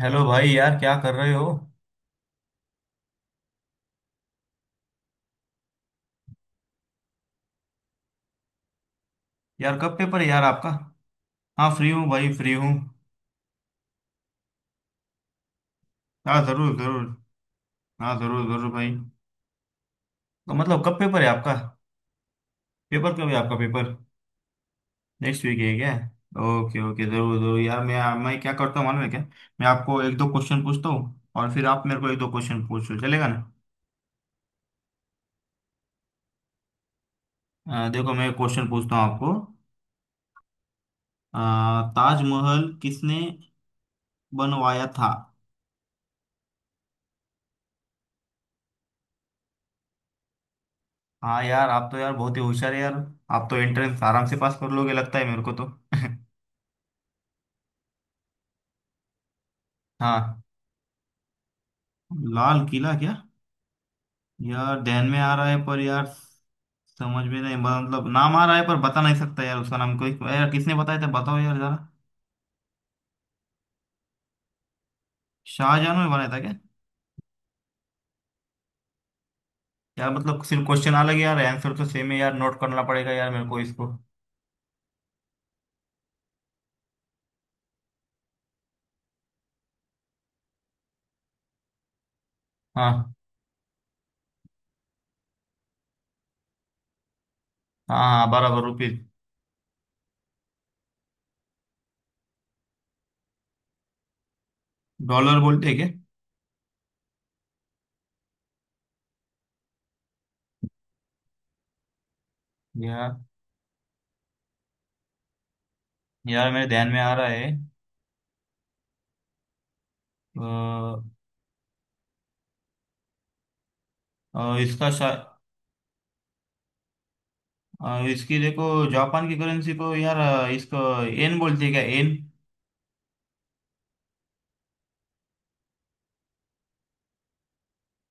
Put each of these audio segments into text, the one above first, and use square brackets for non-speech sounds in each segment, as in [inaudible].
Hello भाई, यार क्या कर रहे हो। यार कब पेपर है यार आपका। हाँ, फ्री हूँ भाई, फ्री हूँ। हाँ जरूर जरूर। हाँ जरूर जरूर भाई। तो मतलब कब पेपर है आपका? पेपर कब है आपका पेपर? नेक्स्ट वीक है क्या? ओके ओके, जरूर जरूर यार। मैं क्या करता हूँ मालूम है क्या? मैं आपको एक दो क्वेश्चन पूछता हूँ, और फिर आप मेरे को एक दो क्वेश्चन पूछो, चलेगा ना। देखो मैं क्वेश्चन पूछता हूँ आपको। अ, ताजमहल किसने बनवाया था? हाँ यार, आप तो यार बहुत ही होशियार है यार। आप तो एंट्रेंस आराम से पास कर लोगे लगता है मेरे को तो। [laughs] हाँ। लाल किला क्या? यार ध्यान में आ रहा है पर यार। समझ में नहीं, मतलब नाम आ रहा है पर बता नहीं सकता यार उसका नाम। कोई यार किसने बताया था, बताओ यार जरा। शाहजहां ने बनाया था क्या? यार मतलब सिर्फ क्वेश्चन अलग है यार, आंसर तो सेम है यार, नोट करना पड़ेगा यार मेरे को इसको। हाँ हाँ हाँ, बराबर, रुपीज। डॉलर बोलते हैं क्या? यार यार मेरे ध्यान में आ रहा है। अ, अ, इसका शा, इसकी देखो जापान की करेंसी को यार। इसको एन बोलते हैं क्या, एन?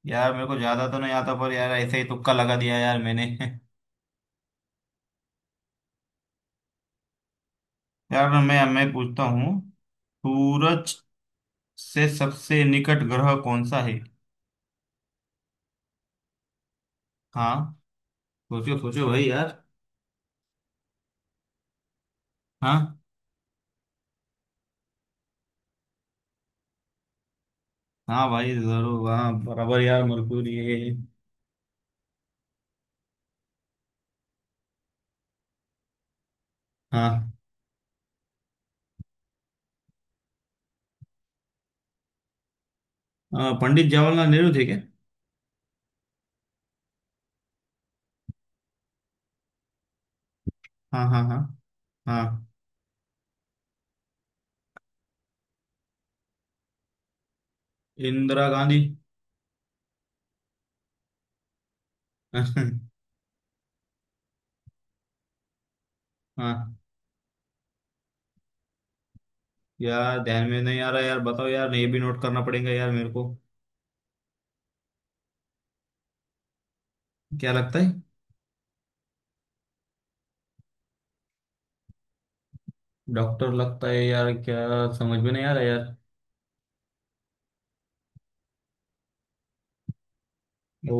यार मेरे को ज्यादा तो नहीं आता पर यार, ऐसे ही तुक्का लगा दिया यार मैंने। [laughs] यार मैं पूछता हूँ। सूरज से सबसे निकट ग्रह कौन सा है? हाँ। सोचो सोचो भाई यार। हाँ हाँ भाई जरूर, हाँ बराबर यार, मरकुरी है। हाँ, पंडित जवाहरलाल नेहरू थे क्या? हाँ हाँ हाँ हाँ। इंदिरा गांधी। [laughs] हाँ यार ध्यान में नहीं आ रहा यार, बताओ यार, ये भी नोट करना पड़ेगा यार मेरे को। क्या लगता है? डॉक्टर लगता है यार क्या? समझ में नहीं आ रहा यार। ओ।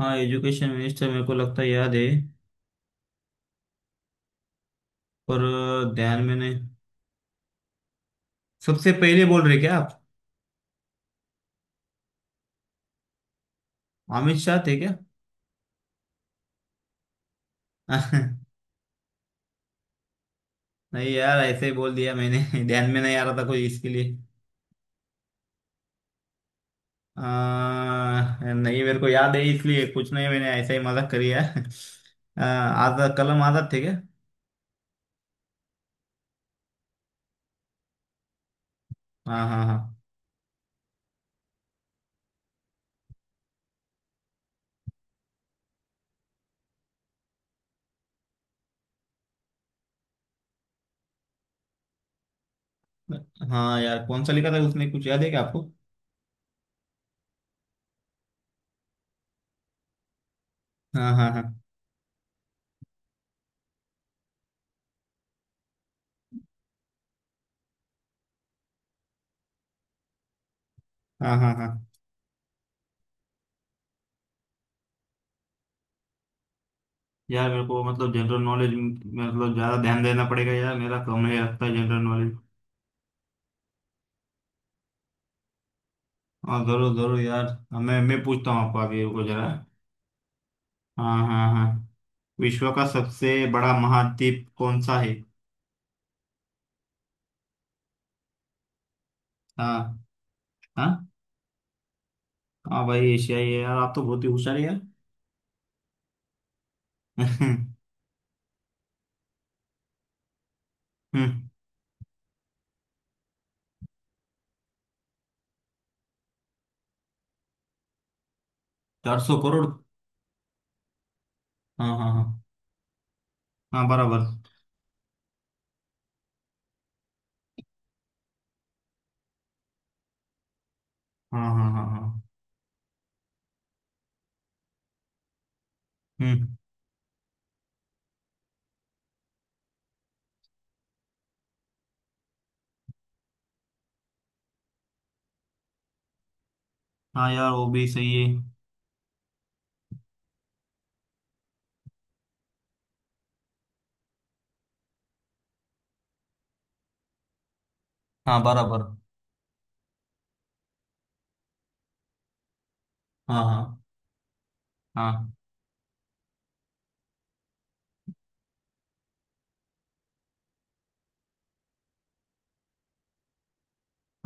हाँ, एजुकेशन मिनिस्टर मेरे को लगता है याद है। पर ध्यान में नहीं। सबसे पहले बोल रहे क्या आप? अमित शाह थे क्या? [laughs] नहीं यार, ऐसे ही बोल दिया मैंने। [laughs] ध्यान में नहीं आ रहा था कुछ इसके लिए। नहीं, मेरे को याद है, इसलिए कुछ नहीं मैंने ऐसा ही मजाक करी है। [laughs] आजाद, कलम आजाद थे क्या? हाँ हाँ हाँ हाँ। यार कौन सा लिखा था उसने, कुछ याद है क्या आपको? हाँ हाँ हाँ हाँ हाँ हाँ। यार मेरे को मतलब जनरल नॉलेज मतलब ज्यादा ध्यान देना पड़ेगा यार, मेरा कम है लगता है जनरल नॉलेज। हाँ जरूर जरूर यार, मैं पूछता हूँ आपको, अभी रुको जरा। हाँ हाँ हाँ। विश्व का सबसे बड़ा महाद्वीप कौन सा है? हाँ हाँ। हाँ भाई, एशिया ही है यार, आप तो बहुत ही होशियार है यार। [laughs] हम्म। चार सौ करोड़। हाँ हाँ हाँ हाँ बराबर। हाँ हाँ हाँ हाँ। हम्म। हाँ यार वो भी सही है। हाँ बराबर। हाँ हाँ हाँ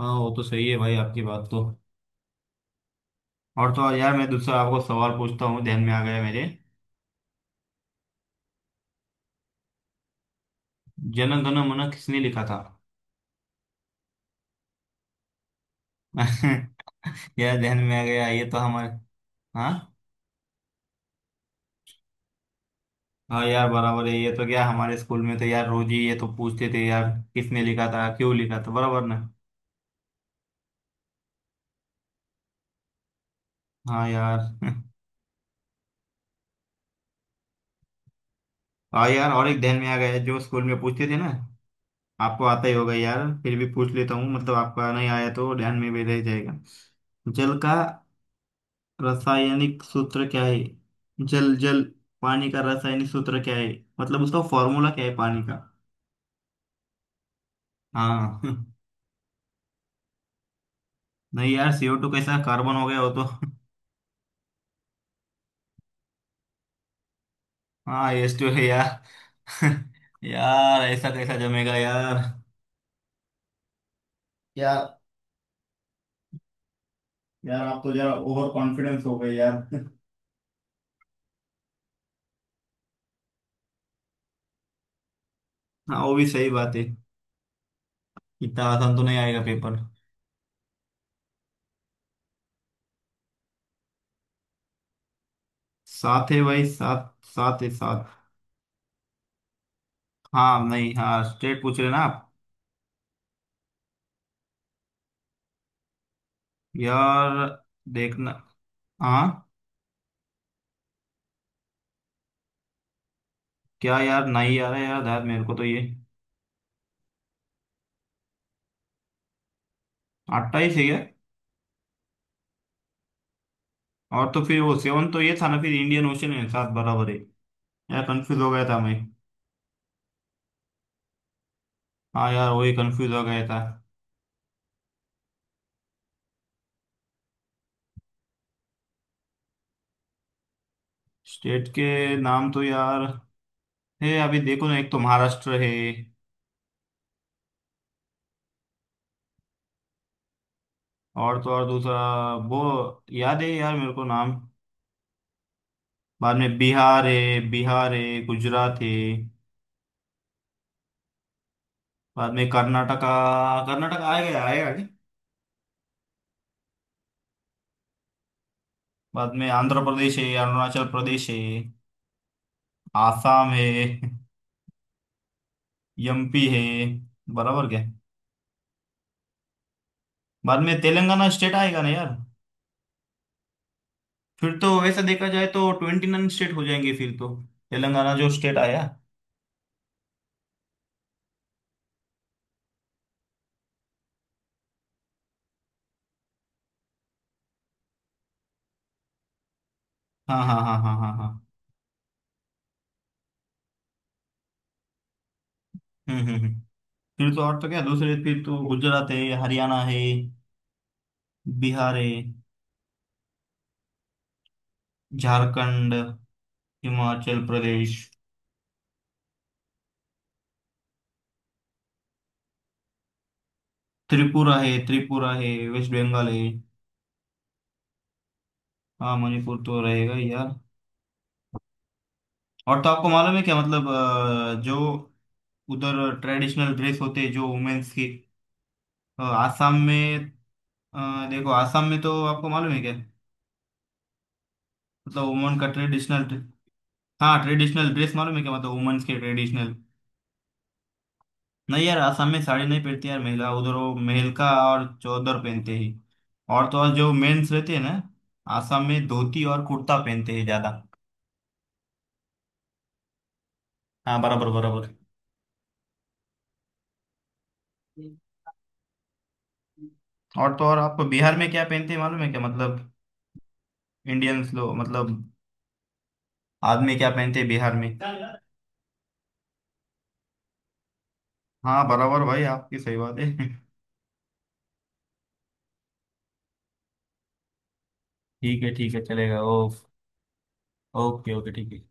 हाँ। वो तो सही है भाई, आपकी बात तो। और तो और यार, मैं दूसरा आपको सवाल पूछता हूँ, ध्यान में आ गया मेरे। जन गण मन किसने लिखा था? [laughs] क्या, ध्यान में आ गया, ये तो हमारे। हाँ हाँ। यार बराबर है, ये तो क्या हमारे स्कूल में तो यार रोज ही ये तो पूछते थे यार। किसने लिखा था, क्यों लिखा था, बराबर ना। हाँ यार। [laughs] हाँ यार, और एक ध्यान में आ गया जो स्कूल में पूछते थे ना। आपको आता ही होगा यार, फिर भी पूछ लेता हूँ, मतलब आपका नहीं आया तो ध्यान में भी रह जाएगा। जल का रासायनिक सूत्र क्या है? जल जल पानी का रासायनिक सूत्र क्या है? मतलब उसका फॉर्मूला क्या है पानी का? हाँ। [laughs] नहीं यार, CO2 कैसा, कार्बन हो गया हो तो। हाँ, यस तो है यार। [laughs] यार ऐसा कैसा जमेगा यार। यार यार, आप तो जरा ओवर कॉन्फिडेंस हो गए यार। हाँ वो भी सही बात है। इतना आसान तो नहीं आएगा पेपर। सात है भाई, सात सात है, सात। हाँ, नहीं, हाँ, स्ट्रेट पूछ रहे ना आप? यार देखना। हाँ। क्या यार नहीं आ रहा यार, यार मेरे को तो ये। अट्ठाईस है क्या? और तो फिर वो सेवन तो ये था ना, फिर इंडियन ओशन है, सात बराबर है। यार कंफ्यूज हो गया था मैं। हाँ यार वही कंफ्यूज हो गया था। स्टेट के नाम तो यार है, अभी देखो ना, एक तो महाराष्ट्र है। और तो और दूसरा वो, याद है यार मेरे को नाम। बाद में बिहार है, बिहार है, गुजरात है। बाद में कर्नाटका। कर्नाटका आएगा, आएगा क्या? बाद में आंध्र प्रदेश है, अरुणाचल प्रदेश है। आसाम है। एमपी है। बराबर क्या? बाद में तेलंगाना स्टेट आएगा ना यार। फिर तो वैसा देखा जाए तो ट्वेंटी नाइन स्टेट हो जाएंगे फिर तो। तेलंगाना जो स्टेट आया। हाँ हाँ हाँ हाँ हाँ हाँ। हम्म हम्म हम्म। फिर तो, और तो क्या दूसरे, फिर तो गुजरात है, हरियाणा है। बिहार है। झारखंड। हिमाचल प्रदेश। त्रिपुरा है, त्रिपुरा है। वेस्ट बंगाल है। हाँ, मणिपुर तो रहेगा ही यार। और तो आपको मालूम है क्या, मतलब जो उधर ट्रेडिशनल ड्रेस होते हैं जो वुमेन्स की। आसाम में। देखो आसाम में तो आपको मालूम है क्या, मतलब वुमन का ट्रेडिशनल। हाँ, ट्रेडिशनल ड्रेस मालूम है क्या, मतलब वुमेन्स के ट्रेडिशनल। नहीं यार, असम में साड़ी नहीं पहनती यार महिला, उधर वो मेहलका और चौदर पहनते हैं। और तो और जो मेंस रहते हैं ना, असम में धोती और कुर्ता पहनते हैं ज्यादा। हाँ बराबर बराबर। और तो और आपको बिहार में क्या पहनते हैं मालूम है क्या, मतलब इंडियंस लोग, मतलब आदमी क्या पहनते हैं बिहार में? हाँ बराबर भाई, आपकी सही बात है। [laughs] ठीक है ठीक है, चलेगा ओ। ओके ओके, ठीक है।